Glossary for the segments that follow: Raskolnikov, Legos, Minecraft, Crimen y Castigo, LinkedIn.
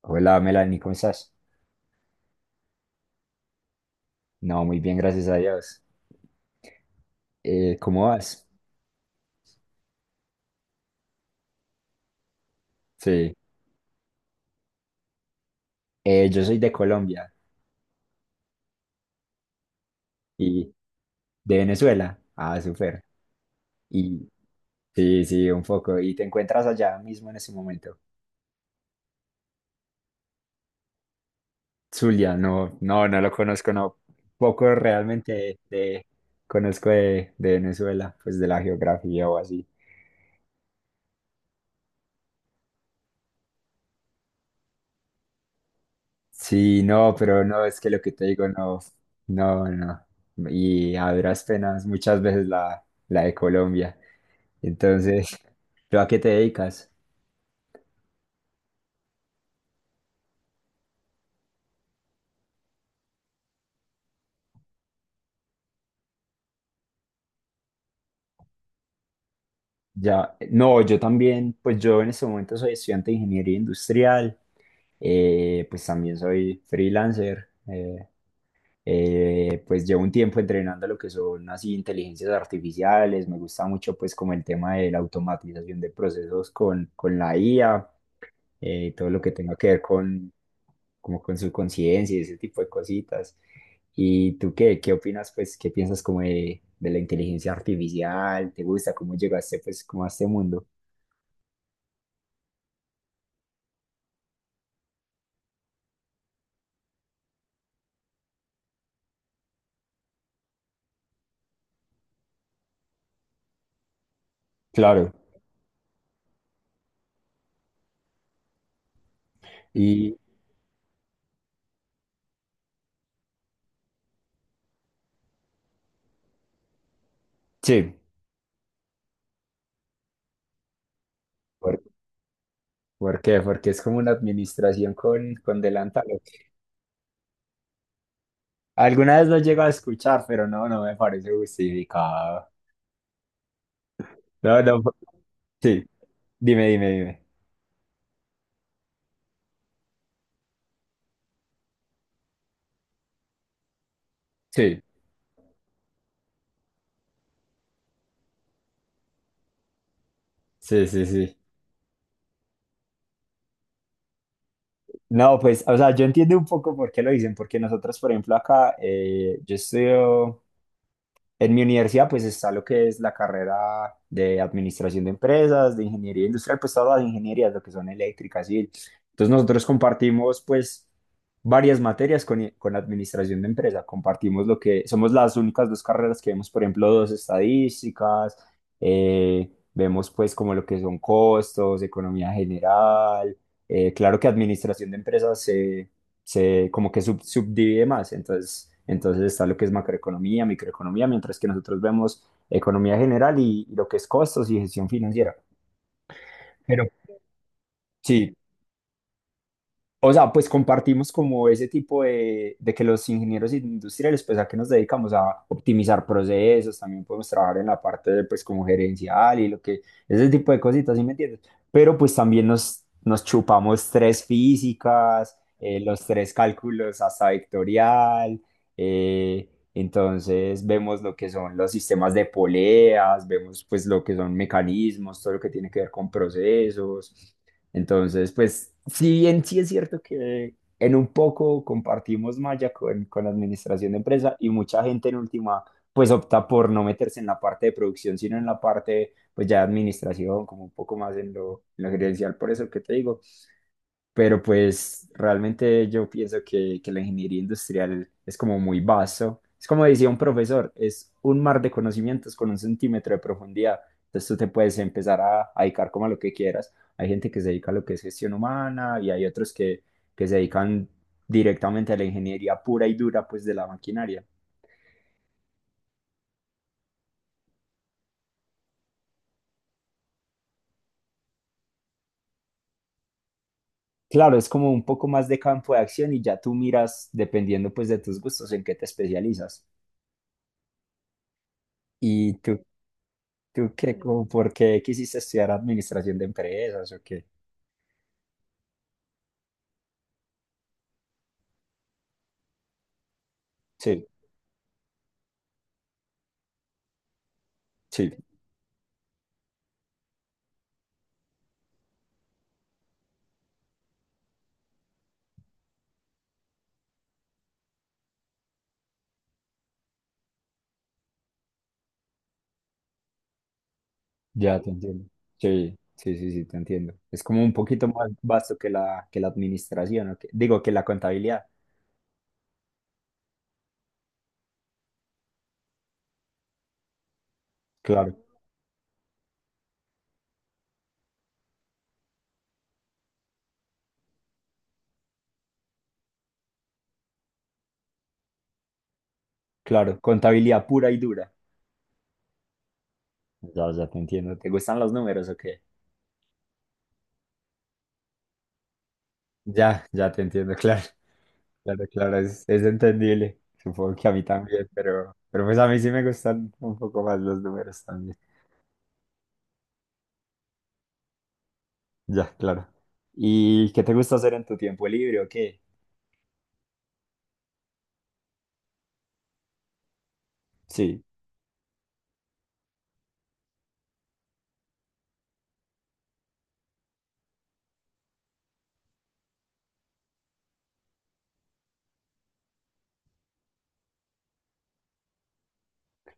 Hola Melanie, ¿cómo estás? No, muy bien, gracias a Dios. ¿Cómo vas? Sí, yo soy de Colombia y de Venezuela. Ah, súper. Y sí, sí, un poco. ¿Y te encuentras allá mismo en ese momento? Zulia, no, no, no lo conozco, no. Poco realmente conozco de Venezuela, pues de la geografía o así. Sí, no, pero no, es que lo que te digo, no, no, no. Y a duras penas, muchas veces la de Colombia. Entonces, ¿tú a qué te dedicas? Ya, no, yo también, pues yo en este momento soy estudiante de ingeniería industrial, pues también soy freelancer, pues llevo un tiempo entrenando lo que son así inteligencias artificiales, me gusta mucho pues como el tema de la automatización de procesos con la IA. Y todo lo que tenga que ver como con su conciencia y ese tipo de cositas. ¿Y tú qué opinas, pues, qué piensas como de la inteligencia artificial? ¿Te gusta cómo llegaste, pues, como a este mundo? Claro. Y sí, ¿por, por qué? Porque es como una administración con delantal. Alguna vez lo llego a escuchar, pero no, no me parece justificado. No, no, sí, dime, dime, dime. Sí, sí, sí, sí. No, pues, o sea, yo entiendo un poco por qué lo dicen, porque nosotros, por ejemplo, acá, yo estudio en mi universidad, pues está lo que es la carrera de administración de empresas, de ingeniería industrial, pues todas las ingenierías, lo que son eléctricas y entonces nosotros compartimos, pues, varias materias con administración de empresa. Compartimos lo que somos las únicas dos carreras que vemos, por ejemplo, dos estadísticas, vemos, pues, como lo que son costos, economía general. Claro que administración de empresas se como que subdivide más. Entonces, está lo que es macroeconomía, microeconomía, mientras que nosotros vemos economía general y lo que es costos y gestión financiera. Pero sí, o sea, pues compartimos como ese tipo de que los ingenieros industriales, pues a qué nos dedicamos a optimizar procesos, también podemos trabajar en la parte de, pues como gerencial y lo que, ese tipo de cositas, ¿sí me entiendes? Pero pues también nos chupamos tres físicas, los tres cálculos hasta vectorial, entonces vemos lo que son los sistemas de poleas, vemos pues lo que son mecanismos, todo lo que tiene que ver con procesos. Entonces, pues, si bien sí es cierto que en un poco compartimos malla con la administración de empresa y mucha gente en última, pues opta por no meterse en la parte de producción, sino en la parte, pues ya de administración, como un poco más en lo gerencial. Por eso que te digo, pero pues realmente yo pienso que la ingeniería industrial es como muy vasto. Es como decía un profesor, es un mar de conocimientos con un centímetro de profundidad. Entonces tú te puedes empezar a dedicar como a lo que quieras. Hay gente que se dedica a lo que es gestión humana y hay otros que se dedican directamente a la ingeniería pura y dura, pues de la maquinaria. Claro, es como un poco más de campo de acción y ya tú miras, dependiendo pues de tus gustos, en qué te especializas. ¿Y tú ¿Tú qué, por qué quisiste estudiar administración de empresas o qué? Sí, sí, ya te entiendo. Sí, sí, sí, sí, te entiendo. Es como un poquito más vasto que la administración, ¿o qué? Digo, que la contabilidad. Claro, claro, contabilidad pura y dura. Ya, ya te entiendo. ¿Te gustan los números o qué? Ya, ya te entiendo, claro, claro, claro, es entendible. Supongo que a mí también, pero pues a mí sí me gustan un poco más los números también. Ya, claro. ¿Y qué te gusta hacer en tu tiempo libre o qué? Sí,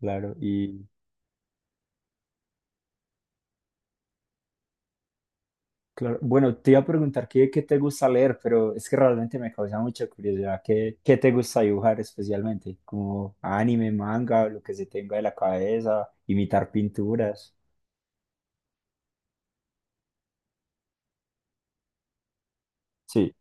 claro. Y claro, bueno, te iba a preguntar qué te gusta leer, pero es que realmente me causa mucha curiosidad. ¿Qué te gusta dibujar especialmente? Como anime, manga, lo que se tenga de la cabeza, imitar pinturas. Sí,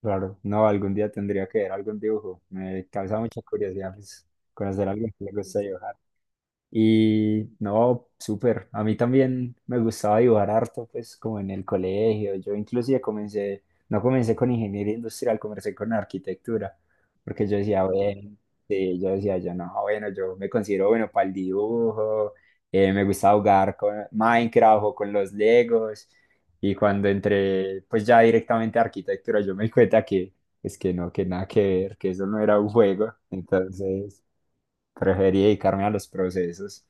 claro. No, algún día tendría que ver algún dibujo. Me causa mucha curiosidad, pues, conocer a alguien que le gusta dibujar. Y no, súper. A mí también me gustaba dibujar harto, pues como en el colegio. Yo inclusive comencé, no comencé con ingeniería industrial, comencé con arquitectura, porque yo decía, bueno, sí, yo decía, yo no, bueno, yo me considero bueno para el dibujo, me gusta jugar con Minecraft o con los Legos. Y cuando entré, pues ya directamente a arquitectura, yo me di cuenta que es que no, que nada que ver, que eso no era un juego. Entonces, preferí dedicarme a los procesos.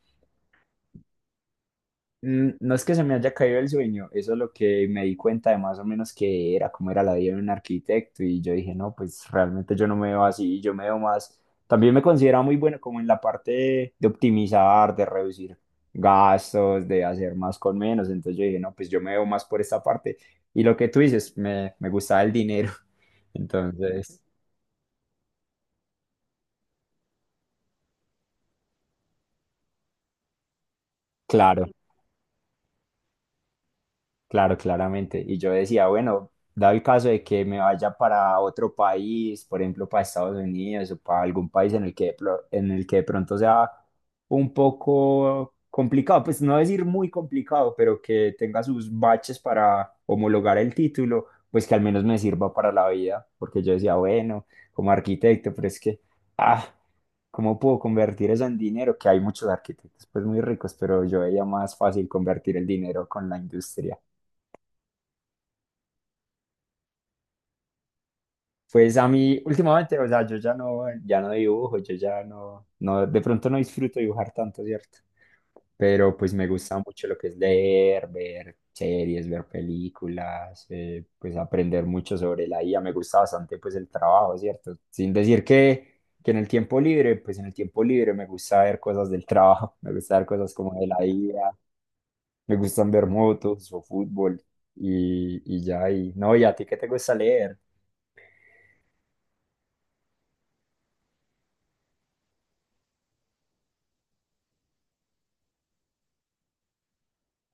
No es que se me haya caído el sueño, eso es lo que me di cuenta de más o menos que era, cómo era la vida de un arquitecto y yo dije, no, pues realmente yo no me veo así, yo me veo más, también me considero muy bueno como en la parte de optimizar, de reducir gastos, de hacer más con menos, entonces yo dije, no, pues yo me veo más por esta parte y lo que tú dices, me gustaba el dinero, entonces, claro, claro, claramente. Y yo decía, bueno, dado el caso de que me vaya para otro país, por ejemplo, para Estados Unidos o para algún país en el que, en el que de pronto sea un poco complicado, pues no decir muy complicado, pero que tenga sus baches para homologar el título, pues que al menos me sirva para la vida, porque yo decía, bueno, como arquitecto, pero es que, ah, ¿cómo puedo convertir eso en dinero? Que hay muchos arquitectos, pues muy ricos, pero yo veía más fácil convertir el dinero con la industria. Pues a mí últimamente, o sea, yo ya no, ya no dibujo, yo ya no, no, de pronto no disfruto dibujar tanto, ¿cierto? Pero pues me gusta mucho lo que es leer, ver series, ver películas, pues aprender mucho sobre la IA, me gusta bastante pues el trabajo, ¿cierto? Sin decir que en el tiempo libre, pues en el tiempo libre me gusta ver cosas del trabajo, me gusta ver cosas como de la IA, me gustan ver motos o fútbol y ya, y no, ¿y a ti qué te gusta leer?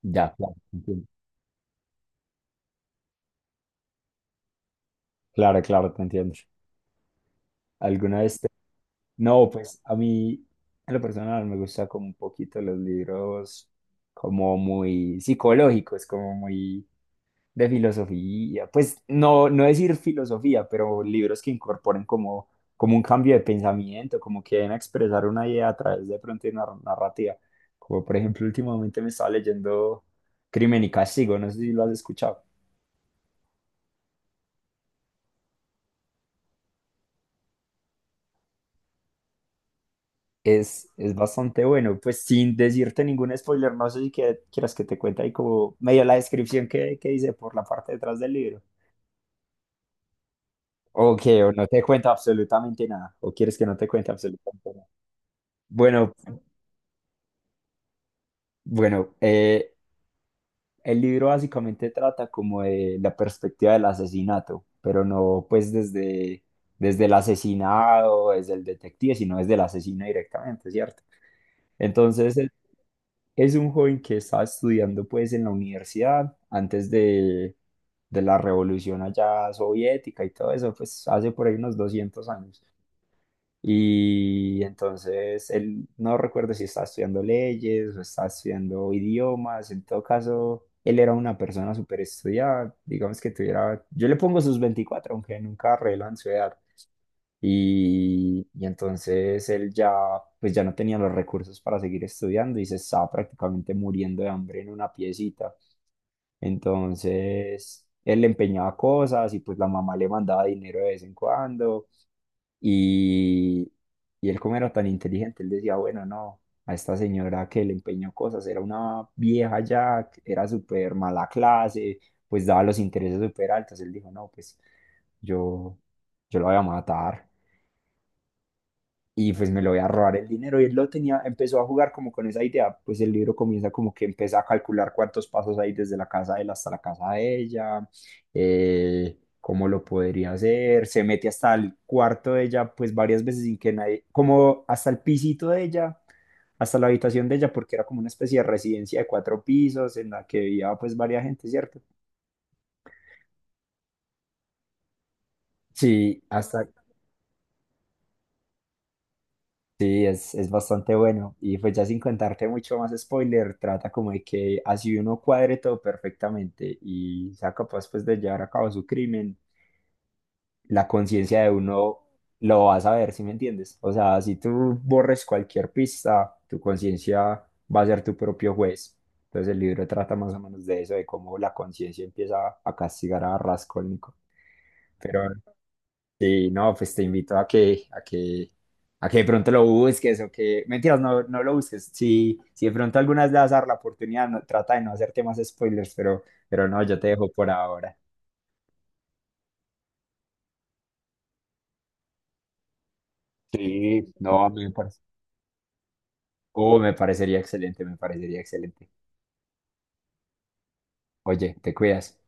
Ya, claro. Claro, claro, te entiendo. ¿Alguna vez te- No, pues a mí, en lo personal, me gusta como un poquito los libros como muy psicológicos, como muy de filosofía. Pues no, no decir filosofía, pero libros que incorporen como un cambio de pensamiento, como que den a expresar una idea a través de pronto de una narrativa. Como por ejemplo, últimamente me estaba leyendo Crimen y Castigo, no sé si lo has escuchado. Es bastante bueno, pues sin decirte ningún spoiler, no sé si quieras que te cuente ahí como medio la descripción que dice por la parte detrás del libro. O que o no te cuento absolutamente nada, o quieres que no te cuente absolutamente nada. Bueno, bueno, el libro básicamente trata como de la perspectiva del asesinato, pero no pues desde el asesinado, desde el detective, sino desde el asesino directamente, ¿cierto? Entonces, es un joven que estaba estudiando pues en la universidad antes de la revolución allá soviética y todo eso, pues hace por ahí unos 200 años. Y entonces él no recuerdo si estaba estudiando leyes o estaba estudiando idiomas, en todo caso, él era una persona súper estudiada, digamos que tuviera, yo le pongo sus 24 aunque nunca revelan su edad, y entonces él ya, pues ya no tenía los recursos para seguir estudiando y se estaba prácticamente muriendo de hambre en una piecita. Entonces él le empeñaba cosas y pues la mamá le mandaba dinero de vez en cuando. Y, y él como era tan inteligente, él decía, bueno, no, a esta señora que le empeñó cosas, era una vieja ya, era súper mala clase, pues daba los intereses súper altos. Él dijo, no, pues yo, yo la voy a matar y pues me lo voy a robar el dinero. Y él lo tenía, empezó a jugar como con esa idea, pues el libro comienza como que empieza a calcular cuántos pasos hay desde la casa de él hasta la casa de ella, cómo lo podría hacer, se mete hasta el cuarto de ella, pues varias veces sin que nadie, como hasta el pisito de ella, hasta la habitación de ella, porque era como una especie de residencia de cuatro pisos en la que vivía pues varias gente, ¿cierto? Sí, sí, es bastante bueno. Y pues ya sin contarte mucho más spoiler, trata como de que así uno cuadre todo perfectamente y sea capaz pues de llevar a cabo su crimen, la conciencia de uno lo va a saber, ¿si me entiendes? O sea, si tú borres cualquier pista, tu conciencia va a ser tu propio juez. Entonces el libro trata más o menos de eso, de cómo la conciencia empieza a castigar a Raskolnikov. Pero Sí, no, pues te invito a que, a que de pronto lo busques o que, mentiras, no, no lo busques. Si, de pronto alguna vez le vas a dar la oportunidad, trata de no hacerte más spoilers, pero no, yo te dejo por ahora. Sí, no, a mí me parece. Oh, me parecería excelente, me parecería excelente. Oye, te cuidas.